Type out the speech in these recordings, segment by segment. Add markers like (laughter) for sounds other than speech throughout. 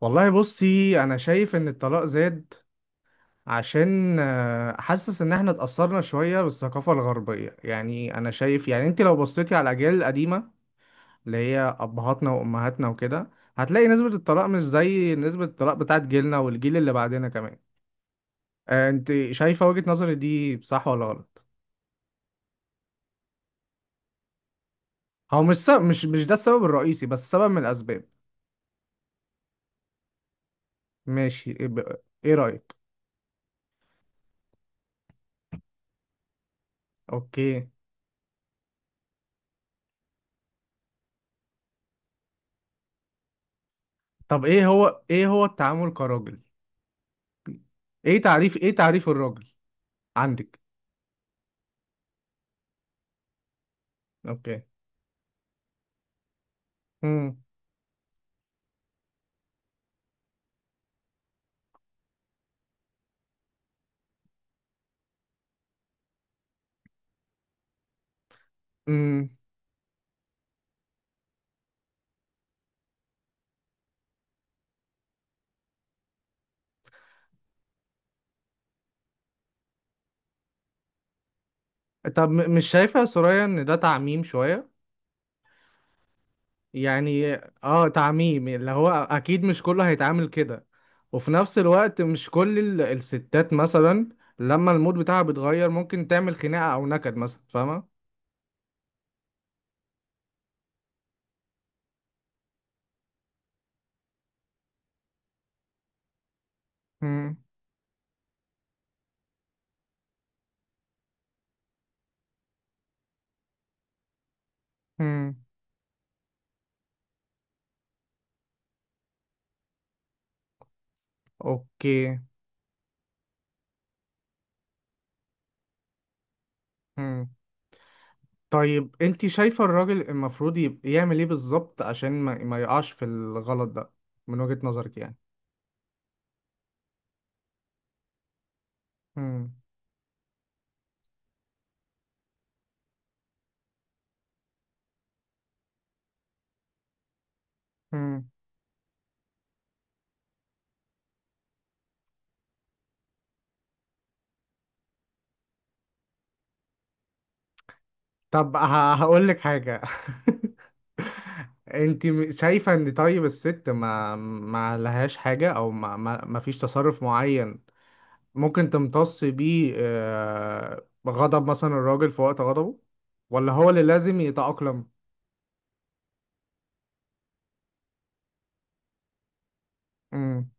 والله بصي انا شايف ان الطلاق زاد عشان حاسس ان احنا اتأثرنا شوية بالثقافة الغربية. يعني انا شايف، يعني انت لو بصيتي على الاجيال القديمة اللي هي ابهاتنا وامهاتنا وكده، هتلاقي نسبة الطلاق مش زي نسبة الطلاق بتاعت جيلنا والجيل اللي بعدنا كمان. انت شايفة وجهة نظري دي صح ولا غلط؟ هو مش سبب، مش ده السبب الرئيسي بس سبب من الاسباب. ماشي، إيه رأيك؟ اوكي. طب ايه هو التعامل كراجل؟ ايه تعريف الراجل؟ عندك. اوكي. امم. امم. طب مش شايفة يا سوريا ان ده تعميم شوية؟ يعني اه تعميم، اللي هو اكيد مش كله هيتعامل كده. وفي نفس الوقت مش كل الستات مثلا لما المود بتاعها بيتغير ممكن تعمل خناقة او نكد مثلا، فاهمة؟ امم. امم. اوكي. امم. طيب انت شايفة الراجل المفروض يبقى يعمل ايه بالظبط عشان ما يقعش في الغلط ده؟ من وجهة نظرك يعني. امم. طب هقول لك حاجة. (laughs) انت شايفة ان طيب الست ما لهاش حاجة، او ما فيش تصرف معين ممكن تمتص بيه غضب مثلا الراجل في وقت غضبه، ولا هو اللي لازم يتأقلم؟ امم.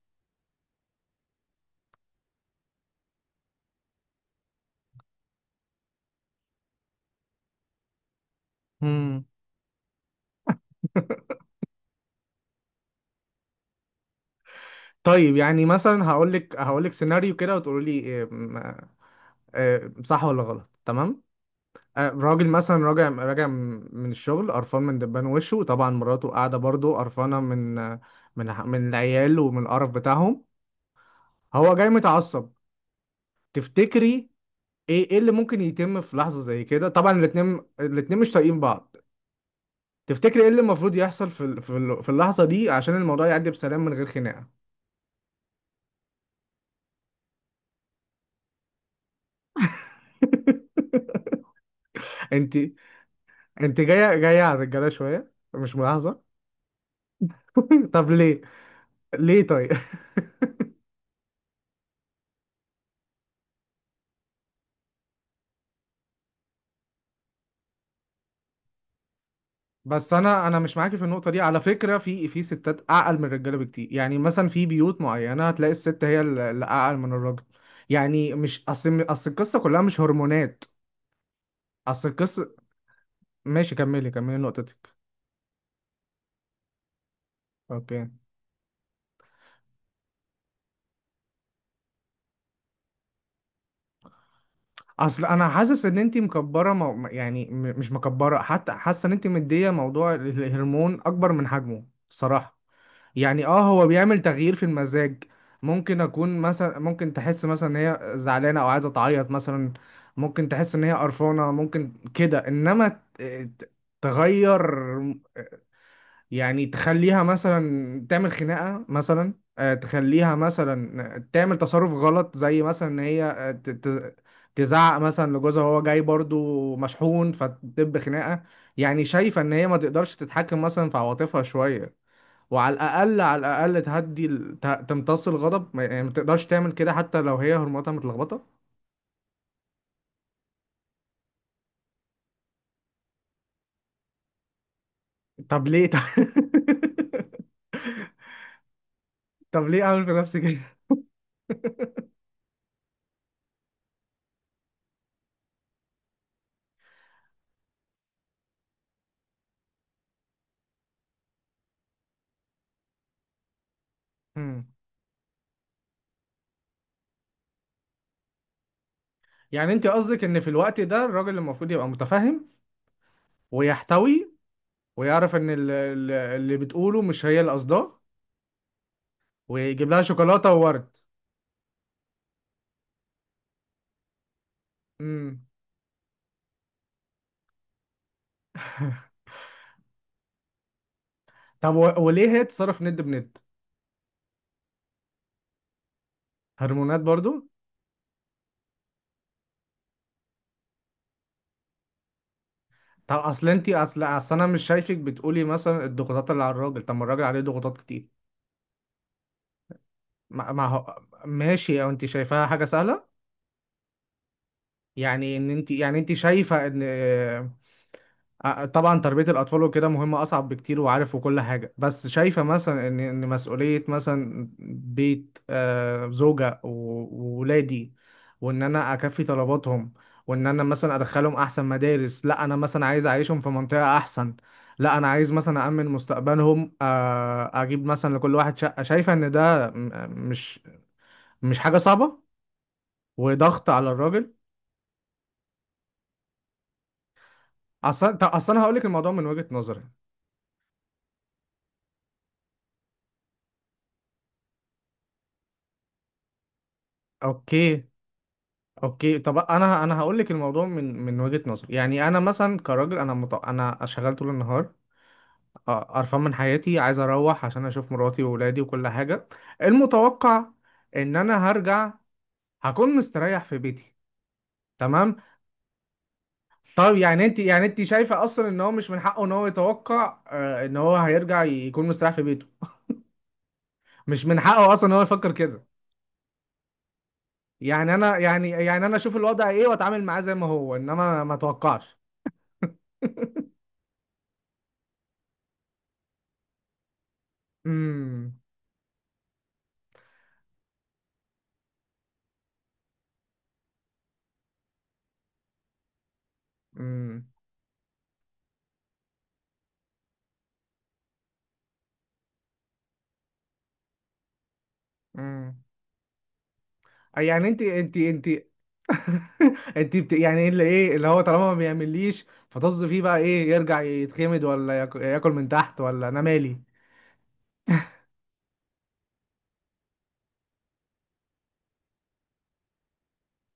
امم. (laughs) طيب، يعني مثلا هقول لك سيناريو كده وتقولي لي إيه، صح ولا غلط، تمام؟ راجل مثلا راجع من الشغل قرفان من دبان وشه، طبعا مراته قاعده برضه قرفانه من من العيال ومن القرف بتاعهم، هو جاي متعصب. تفتكري ايه اللي ممكن يتم في لحظه زي كده؟ طبعا الاتنين مش طايقين بعض. تفتكري ايه اللي المفروض يحصل في اللحظه دي عشان الموضوع يعدي بسلام من غير خناقه؟ (laughs) انت انت جايه على الرجاله شويه، مش ملاحظه؟ (laughs) طب ليه؟ ليه طيب؟ بس انا مش معاكي في النقطه دي على فكره. في ستات اعقل من الرجاله بكتير. يعني مثلا في بيوت معينه هتلاقي الست هي اللي اعقل من الراجل. يعني مش اصل القصه كلها مش هرمونات. اصل القصه. ماشي، كملي نقطتك. اوكي. اصل انا حاسس ان انت مكبره مو... يعني م- مش مكبره، حتى حاسه ان انت مديه موضوع الهرمون اكبر من حجمه الصراحه. يعني اه هو بيعمل تغيير في المزاج. ممكن اكون مثلا، ممكن تحس مثلا ان هي زعلانه او عايزه تعيط مثلا، ممكن تحس ان هي قرفانه، ممكن كده. انما ت- تغير، يعني تخليها مثلا تعمل خناقه مثلا، تخليها مثلا تعمل تصرف غلط، زي مثلا ان هي تزعق مثلا لجوزها وهو جاي برضو مشحون، فتدب خناقه. يعني شايفه ان هي ما تقدرش تتحكم مثلا في عواطفها شويه، وعلى الاقل على الاقل تهدي تمتص الغضب. يعني ما تقدرش تعمل كده حتى لو هي هرموناتها متلخبطه؟ طب ليه؟ (laughs) طب ليه اعمل في نفسي كده؟ مم. يعني انت قصدك ان في الوقت ده الراجل المفروض يبقى متفهم ويحتوي ويعرف ان اللي بتقوله مش هي اللي قصداه، ويجيب لها شوكولاته وورد. امم. طب وليه هي تتصرف ند بند؟ هرمونات برضو؟ طب اصل انت اصل انا مش شايفك بتقولي مثلا الضغوطات اللي على الراجل. طب ما الراجل عليه ضغوطات كتير. ما هو ماشي، او انت شايفاها حاجه سهله؟ يعني ان انت يعني انت شايفه ان طبعا تربيه الاطفال وكده مهمه اصعب بكتير، وعارف وكل حاجه. بس شايفه مثلا ان مسؤوليه مثلا بيت، زوجه وولادي، وان انا اكفي طلباتهم، وان انا مثلا ادخلهم احسن مدارس، لا انا مثلا عايز اعيشهم في منطقه احسن، لا انا عايز مثلا امن مستقبلهم، اجيب مثلا لكل واحد شقه، شايفه ان ده مش مش حاجه صعبه وضغط على الراجل. اصل طب اصل انا هقول لك الموضوع من وجهة نظري. اوكي. اوكي طب انا هقول لك الموضوع من وجهة نظري. يعني انا مثلا كراجل، انا شغال طول النهار، قرفان من حياتي، عايز اروح عشان اشوف مراتي واولادي وكل حاجة. المتوقع ان انا هرجع هكون مستريح في بيتي. تمام. طب انت شايفة اصلا ان هو مش من حقه ان هو يتوقع ان هو هيرجع يكون مستريح في بيته؟ مش من حقه اصلا ان هو يفكر كده؟ يعني انا يعني يعني انا اشوف الوضع ايه واتعامل معاه زي ما هو، انما ما اتوقعش. (laughs) امم. امم. امم. (laughs) يعني انت انت. (laughs) يعني ايه اللي هو، طالما ما بيعمليش، فطز فيه بقى. ايه، يرجع يتخمد، ولا ياكل من تحت، ولا انا مالي؟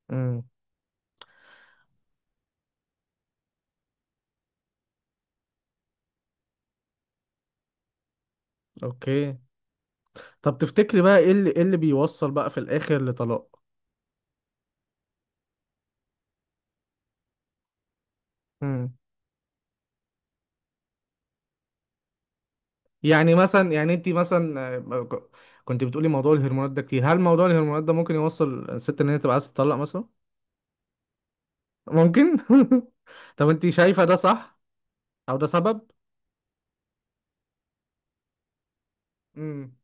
امم. اوكي. طب تفتكري بقى ايه اللي بيوصل بقى في الاخر لطلاق؟ امم. يعني مثلا يعني انت مثلا، آه، ك- كنت بتقولي موضوع الهرمونات ده كتير. هل موضوع الهرمونات ده ممكن يوصل الست ان هي تبقى عايزه تطلق مثلا؟ ممكن. (laughs) طب انت شايفة ده صح او ده سبب؟ امم.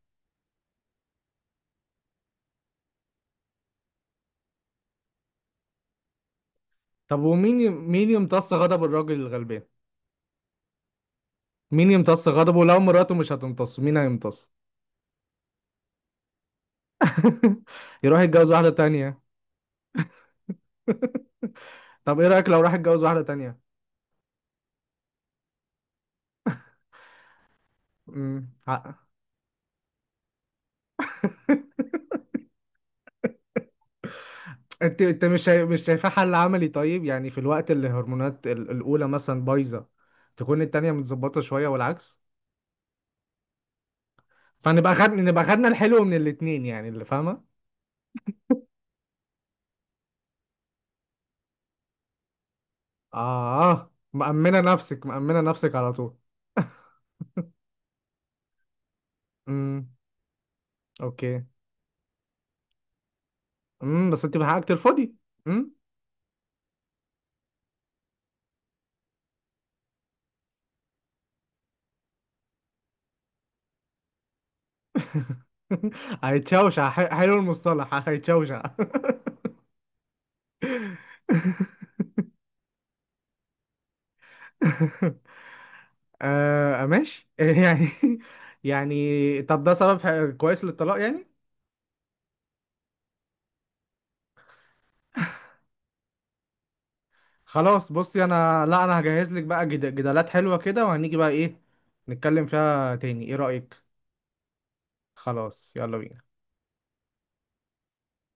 طب ومين ي... مين يمتص غضب الراجل الغلبان؟ مين يمتص غضبه لو مراته مش هتمتص؟ مين هيمتص؟ (laughs) يروح يتجوز واحدة تانية. (laughs) طب ايه رأيك لو راح يتجوز واحدة تانية؟ امم، حق. (laughs) انت مش شايفاه حل عملي؟ طيب يعني في الوقت اللي الهرمونات الاولى مثلا بايظه، تكون التانية متظبطه شويه والعكس، نبقى خدنا الحلو من الاتنين، يعني، اللي فاهمه. اه، مأمنة نفسك على طول. امم. اوكي. بس انت بحقك ترفضي. امم. (laughs) هيتشوشع. حلو المصطلح، هيتشوشع. (laughs) آه ماشي. (laughs) يعني يعني طب ده سبب كويس للطلاق يعني؟ خلاص بصي انا، لا انا هجهز لك بقى جدالات حلوة كده، وهنيجي بقى ايه، نتكلم فيها تاني، ايه رأيك؟ خلاص، يلا بينا.